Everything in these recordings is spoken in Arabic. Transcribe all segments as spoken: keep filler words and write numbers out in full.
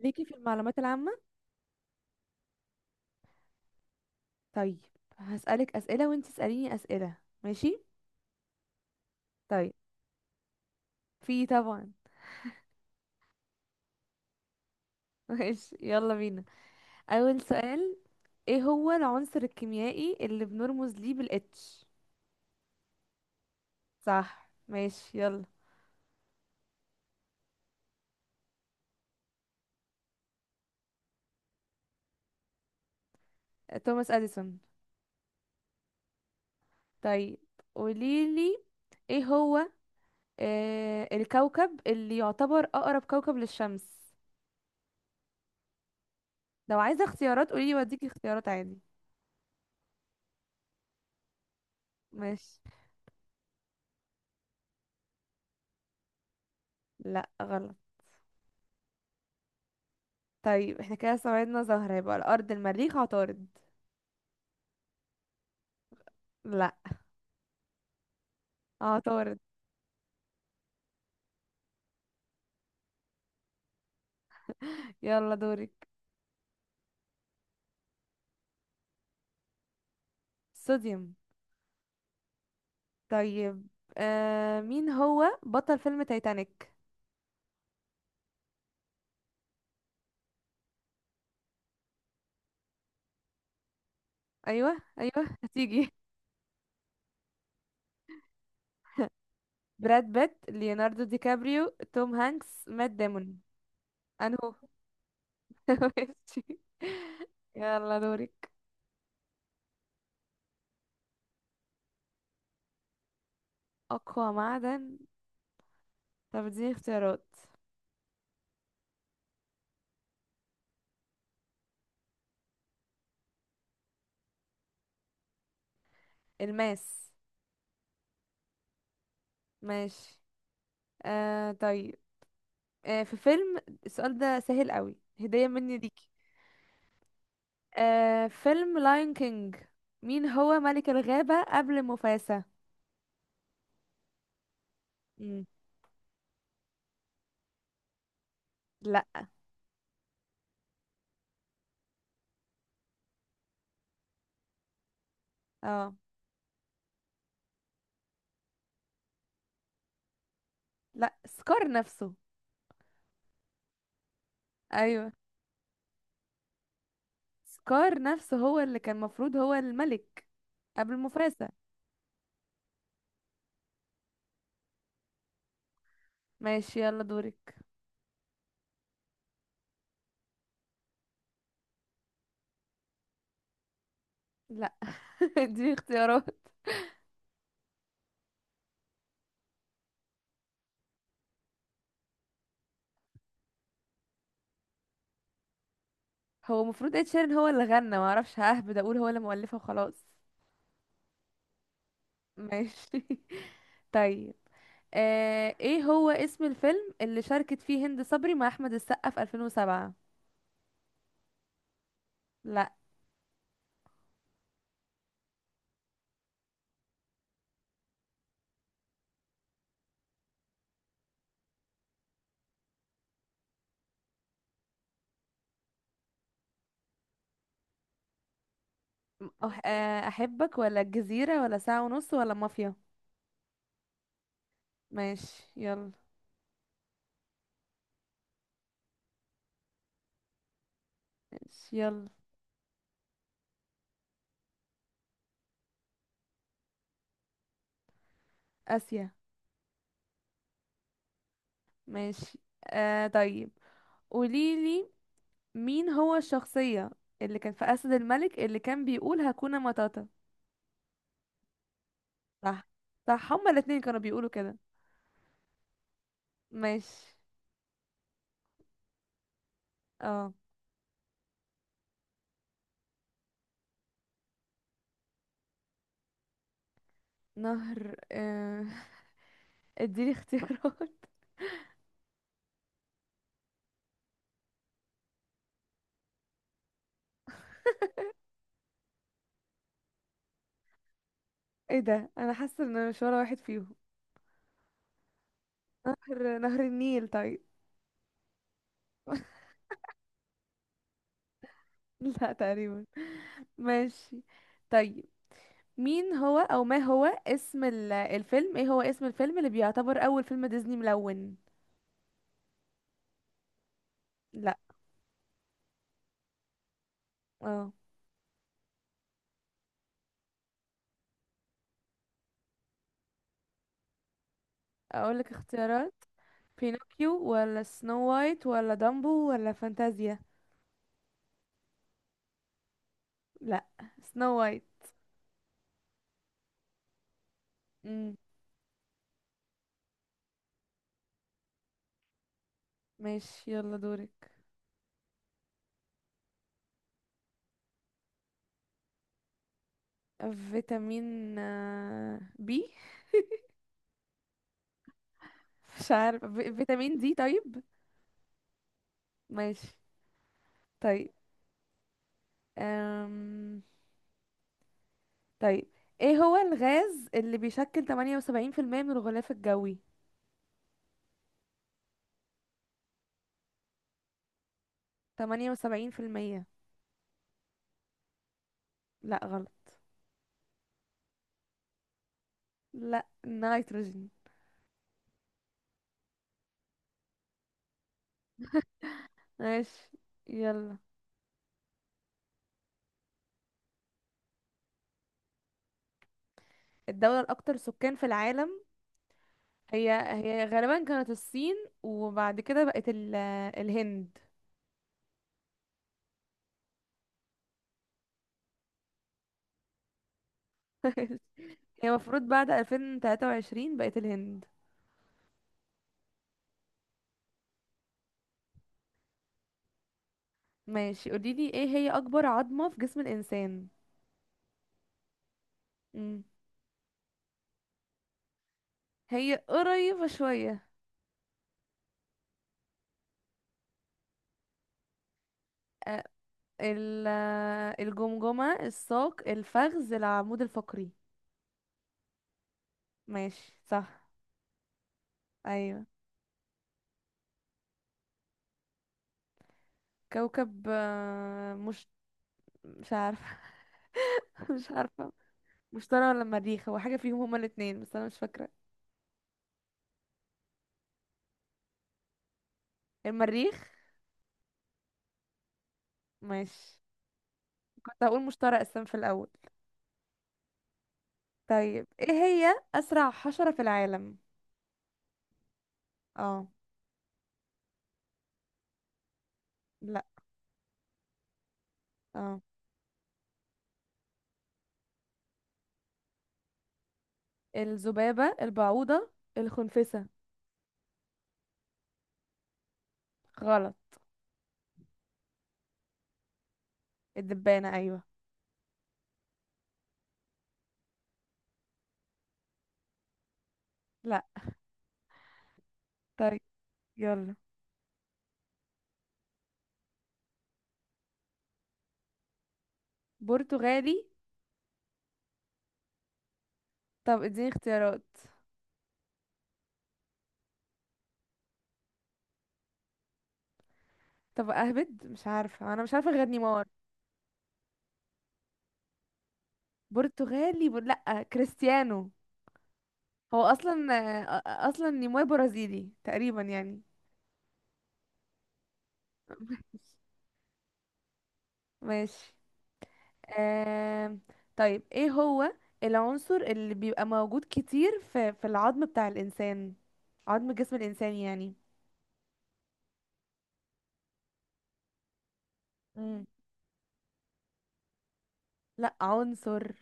ليكي في المعلومات العامة. طيب، هسألك أسئلة وانت تسأليني أسئلة. ماشي. طيب. في طبعا. ماشي، يلا بينا. أول سؤال: ايه هو العنصر الكيميائي اللي بنرمز ليه بالاتش؟ صح، ماشي، يلا. توماس أديسون. طيب، قوليلي ايه هو آه الكوكب اللي يعتبر أقرب كوكب للشمس. لو عايزة اختيارات قوليلي، واديكي اختيارات عادي. ماشي. لا، غلط. طيب، احنا كده استبعدنا زهرة، يبقى الأرض، المريخ، عطارد. لا، عطارد. يلا دورك. صوديوم. طيب، آه مين هو بطل فيلم تايتانيك؟ ايوه، ايوه، هتيجي. براد بيت، ليوناردو دي كابريو، توم هانكس، مات ديمون. انهو؟ ماشي. يلا دورك. اقوى معدن؟ طب اديني اختيارات. الماس. ماشي. آه طيب، آه في فيلم، السؤال ده سهل قوي، هدية مني ليكي. آه فيلم لاين كينج، مين هو ملك الغابة قبل مفاسا؟ مم. لا. اه. لا، سكار نفسه. ايوه، سكار نفسه هو اللي كان مفروض هو الملك قبل مفاسا. ماشي، يلا دورك. لا. دي اختيارات. هو المفروض ed شيران هو اللي غنى، معرفش، ههبد اقول هو اللي مؤلفه وخلاص. ماشي. طيب، آه ايه هو اسم الفيلم اللي شاركت فيه هند صبري مع احمد السقا في ألفين وسبعة؟ أح- آه، احبك ولا الجزيرة ولا ساعة ونص ولا مافيا. ماشي، يلا. ماشي، يلا. اسيا. ماشي. آه طيب، قوليلي مين هو الشخصية اللي كان في اسد الملك اللي كان بيقول هكونا ماتاتا؟ صح. صح، هما الاتنين كانوا بيقولوا كده. ماشي. اه. نهر آه، اديني اختيارات. ايه ده، انا حاسه ان أنا مش ولا واحد فيهم. نهر نهر النيل، طيب. لا، تقريبا. ماشي. طيب. مين هو او ما هو اسم ال- الفيلم ايه هو اسم الفيلم اللي بيعتبر اول فيلم ديزني ملون؟ لا. اه اقول لك اختيارات. بينوكيو ولا سنو وايت ولا دامبو ولا فانتازيا؟ لا، سنو وايت. امم ماشي، يلا دورك. فيتامين آه، بي. مش عارف، في- فيتامين دي، طيب. ماشي. طيب. أم... طيب، ايه هو الغاز اللي بيشكل ثمانية وسبعين في المية من الغلاف الجوي؟ ثمانية وسبعين في المية. لا، غلط. لا، النيتروجين. ماشي، يلا. الدولة الأكثر سكان في العالم؟ هي هي غالبا كانت الصين، وبعد كده بقت ال... الهند. هي المفروض بعد ألفين وثلاثة وعشرين بقت الهند. ماشي، قوليلي ايه هي أكبر عظمة في جسم الإنسان؟ مم. هي قريبة شوية. أ- ال... الجمجمة، الساق، الفخذ، العمود الفقري. ماشي، صح. أيوه. كوكب آه، مش مش عارفة. مش عارفة. مشتري ولا مريخ، هو حاجة فيهم هما الاتنين بس أنا مش فاكرة. المريخ. ماشي. كنت هقول مشتري أساسا في الأول. طيب، ايه هي أسرع حشرة في العالم؟ اه. لا. اه. الذبابة، البعوضة، الخنفسة. غلط. الدبانة، أيوه. لا. طيب، يلا. برتغالي؟ طب اديني اختيارات. طب أهبد، مش عارفة، أنا مش عارفة غير نيمار. برتغالي بر... لا، كريستيانو. هو أصلا، آه، أصلا نيمار برازيلي تقريبا يعني. ماشي. آم، طيب، ايه هو العنصر اللي بيبقى موجود كتير في في العظم بتاع الإنسان، عظم جسم الإنسان يعني؟ مم. لا، عنصر.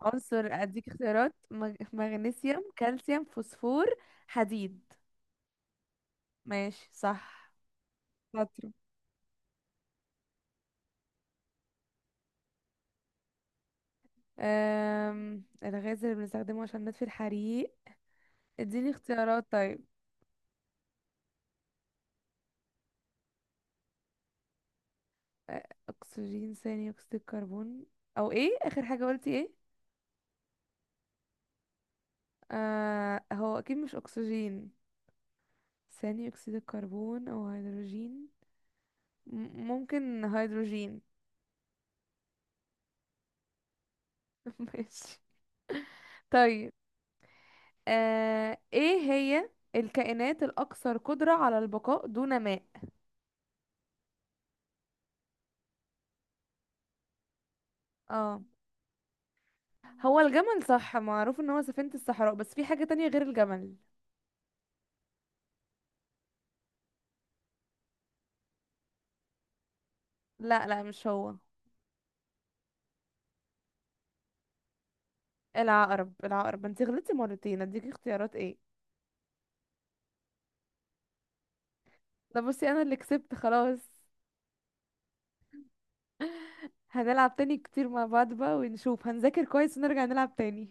عنصر، اديك اختيارات: مغ... مغنيسيوم، كالسيوم، فوسفور، حديد. ماشي، صح. شاطرة. أم... الغاز اللي بنستخدمه عشان نطفي الحريق؟ اديني اختيارات طيب. أ- اكسجين، ثاني اكسيد الكربون، او ايه اخر حاجة قلتي؟ ايه؟ آه، هو اكيد مش اكسجين. ثاني اكسيد الكربون او هيدروجين. م- ممكن هيدروجين. ماشي. طيب، آه ايه هي الكائنات الاكثر قدرة على البقاء دون ماء؟ اه. هو الجمل صح، معروف ان هو سفينة الصحراء، بس في حاجة تانية غير الجمل. لا، لا، مش هو. العقرب. العقرب، انتي غلطتي مرتين، اديكي اختيارات ايه؟ ده بصي، انا اللي كسبت خلاص. هنلعب تاني كتير مع بعض بقى، ونشوف، هنذاكر كويس ونرجع نلعب تاني.